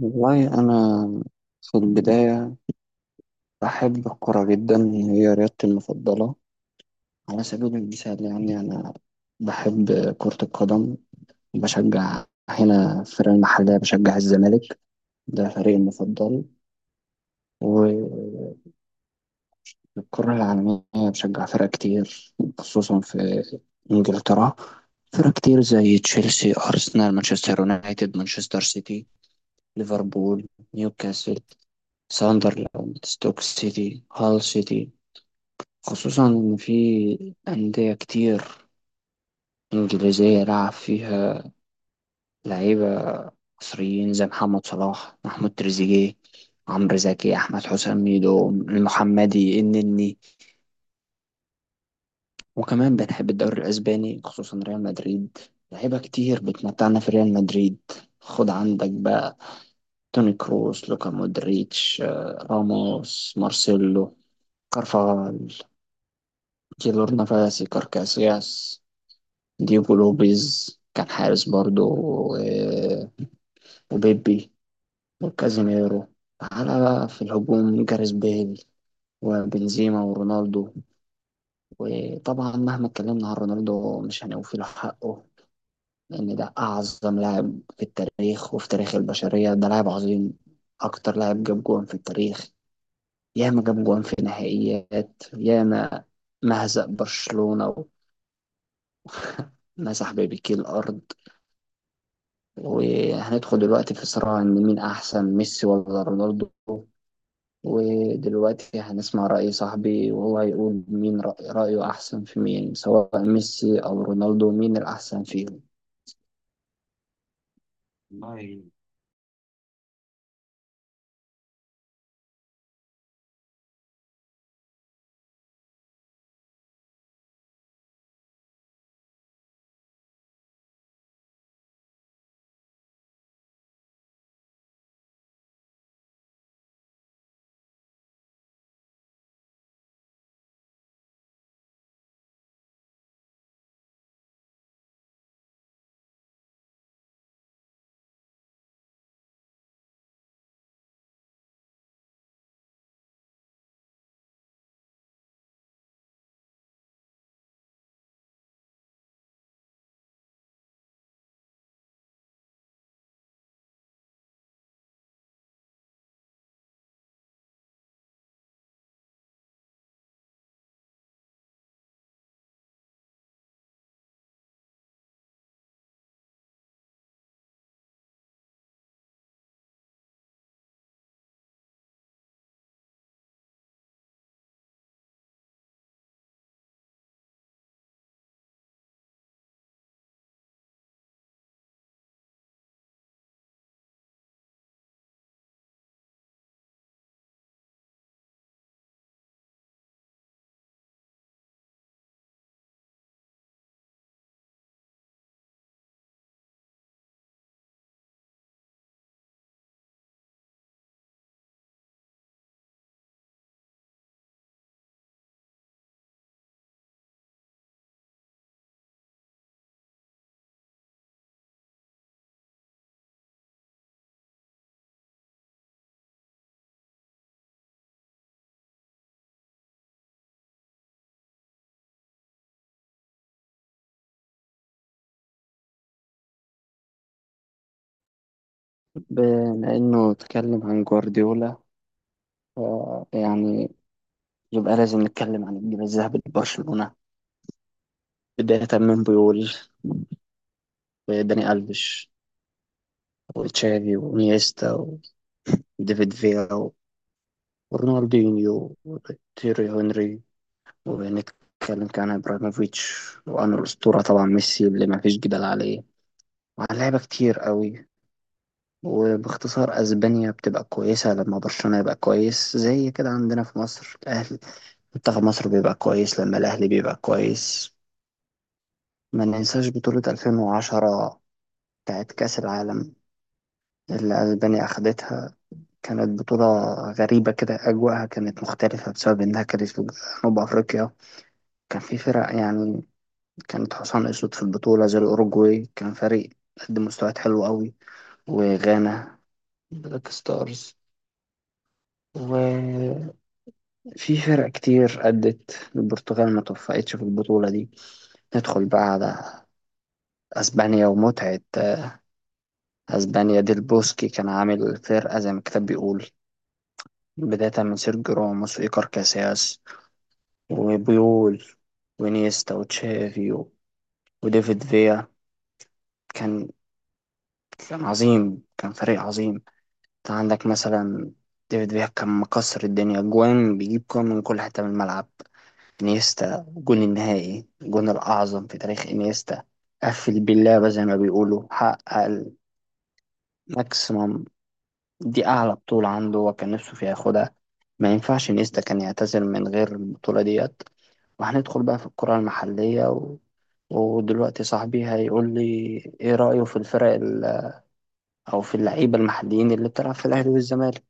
والله أنا في البداية بحب الكرة جدا، هي رياضتي المفضلة. على سبيل المثال، يعني أنا بحب كرة القدم. بشجع هنا في الفرق المحلية، بشجع الزمالك، ده فريقي المفضل. والكرة العالمية بشجع فرق كتير، خصوصا في إنجلترا، فرق كتير زي تشيلسي، أرسنال، مانشستر يونايتد، مانشستر سيتي، ليفربول، نيوكاسل، ساندرلاند، ستوك سيتي، هال سيتي. خصوصا إن في أندية كتير إنجليزية لعب فيها لعيبة مصريين زي محمد صلاح، محمود تريزيجيه، عمرو زكي، أحمد حسام ميدو، المحمدي، النني. وكمان بنحب الدوري الأسباني، خصوصا ريال مدريد. لعيبة كتير بتمتعنا في ريال مدريد. خد عندك بقى توني كروس، لوكا مودريتش، راموس، مارسيلو، كارفاغال، جيلورنا، فاسي كاركاسياس، ديجو لوبيز كان حارس برضو. و- وبيبي وكازيميرو. تعالى بقى في الهجوم جاريث بيل وبنزيما ورونالدو. وطبعا مهما اتكلمنا عن رونالدو مش هنوفي حقه، لأن ده أعظم لاعب في التاريخ وفي تاريخ البشرية. ده لاعب عظيم، أكتر لاعب جاب جوان في التاريخ، ياما جاب جوان في نهائيات، ياما مهزق برشلونة، ومسح بيبي كيل الأرض. وهندخل دلوقتي في صراع إن مين أحسن، ميسي ولا رونالدو؟ ودلوقتي هنسمع رأي صاحبي، وهو هيقول مين رأي رأيه أحسن في مين، سواء ميسي أو رونالدو، مين الأحسن فيهم. والله، بما إنه اتكلم عن جوارديولا، ف- يعني يبقى لازم نتكلم عن الجيل الذهبي لبرشلونة، بداية من بيول وداني ألفيش وتشافي ونيستا وديفيد فيا ورونالدينيو وتيري هنري. وبنتكلم كان ابراهيموفيتش، وعن الاسطوره طبعا ميسي اللي ما فيش جدال عليه، وعن لعيبه كتير قوي. وباختصار اسبانيا بتبقى كويسه لما برشلونه يبقى كويس، زي كده عندنا في مصر الاهلي، منتخب مصر بيبقى كويس لما الاهلي بيبقى كويس. ما ننساش بطوله 2010 بتاعت كاس العالم اللي اسبانيا اخدتها. كانت بطولة غريبة كده، أجواءها كانت مختلفة بسبب إنها كانت في جنوب أفريقيا. كان في فرق يعني كانت حصان أسود في البطولة، زي الأوروجواي، كان فريق قدم مستويات حلوة أوي، وغانا، بلاك ستارز، وفي فرق كتير أدت. البرتغال ما توفقتش في البطولة دي. ندخل بقى على أسبانيا ومتعة أسبانيا. ديل بوسكي كان عامل فرقة زي ما الكتاب بيقول، بداية من سيرجيو راموس وإيكار كاسياس وبيول ونيستا وتشافي وديفيد فيا. كان كان عظيم، كان فريق عظيم. انت عندك مثلا ديفيد بيهام كان مكسر الدنيا، جوان بيجيب جوان من كل حتة من الملعب. انيستا جون النهائي، الجون الأعظم في تاريخ انيستا، قفل باللعبة زي ما بيقولوا، حقق الماكسيمم، دي أعلى بطولة عنده وكان نفسه فيها ياخدها. ما ينفعش انيستا كان يعتزل من غير البطولة ديت. وهندخل بقى في الكرة المحلية و... ودلوقتي صاحبي هيقول لي ايه رأيه في او في اللعيبة المحليين اللي بتلعب في الأهلي والزمالك.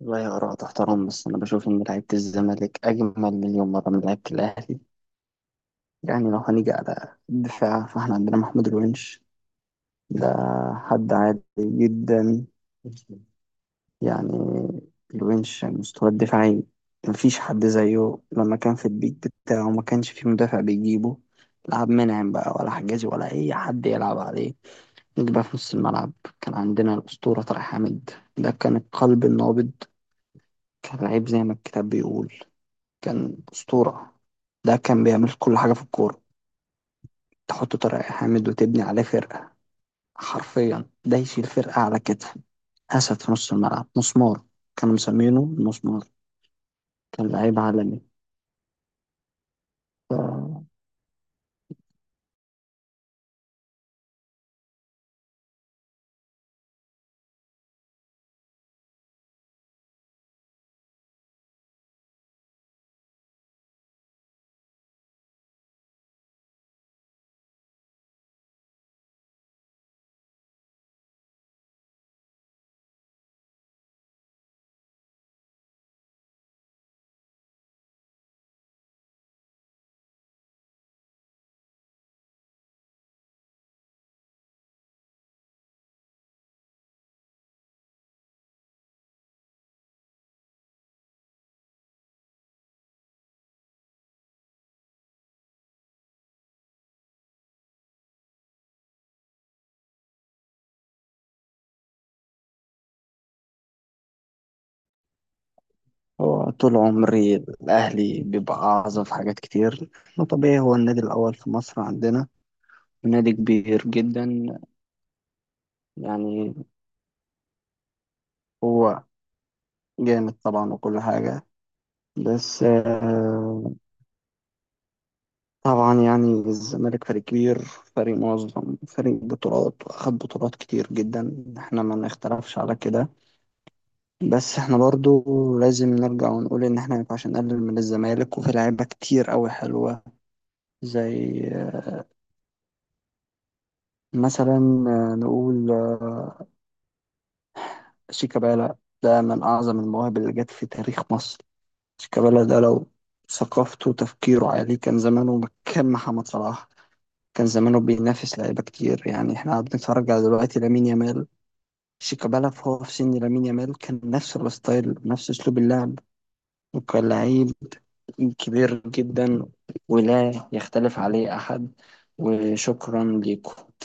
والله، آراء تحترم، بس أنا بشوف إن لعيبة الزمالك أجمل مليون مرة من لعيبة الأهلي. يعني لو هنيجي على الدفاع، فإحنا عندنا محمود الونش، ده حد عادي جدا، يعني الونش مستوى الدفاعي مفيش حد زيه. لما كان في البيك بتاعه ما كانش في مدافع بيجيبه، لا عبد المنعم بقى ولا حجازي ولا أي حد يلعب عليه. نيجي بقى في نص الملعب، كان عندنا الأسطورة طارق حامد، ده كان القلب النابض، كان لعيب زي ما الكتاب بيقول، كان أسطورة. ده كان بيعمل كل حاجة في الكورة. تحط طارق حامد وتبني عليه فرقة، حرفيا ده يشيل فرقة على كتفه. أسد في نص الملعب، مسمار، كانوا مسمينه المسمار، كان لعيب عالمي. ف- هو طول عمري الأهلي بيبقى أعظم في حاجات كتير، وطبيعي هو النادي الأول في مصر عندنا، نادي كبير جدا، يعني هو جامد طبعا وكل حاجة. بس طبعا يعني الزمالك فريق كبير، فريق منظم، فريق بطولات، واخد بطولات كتير جدا، احنا ما نختلفش على كده. بس احنا برضو لازم نرجع ونقول ان احنا ما ينفعش نقلل من الزمالك، وفي لعيبة كتير قوي حلوة. زي آه، مثلا آه، نقول آه، شيكابالا، ده من اعظم المواهب اللي جت في تاريخ مصر. شيكابالا ده لو ثقافته وتفكيره عالي كان زمانه مكان محمد صلاح، كان زمانه بينافس لعيبة كتير. يعني احنا قاعدين نتفرج على دلوقتي لامين يامال، شيكابالا فهو في سن لامين يامال كان نفس الستايل، نفس اسلوب اللعب، وكان لعيب كبير جدا ولا يختلف عليه احد. وشكرا لكم.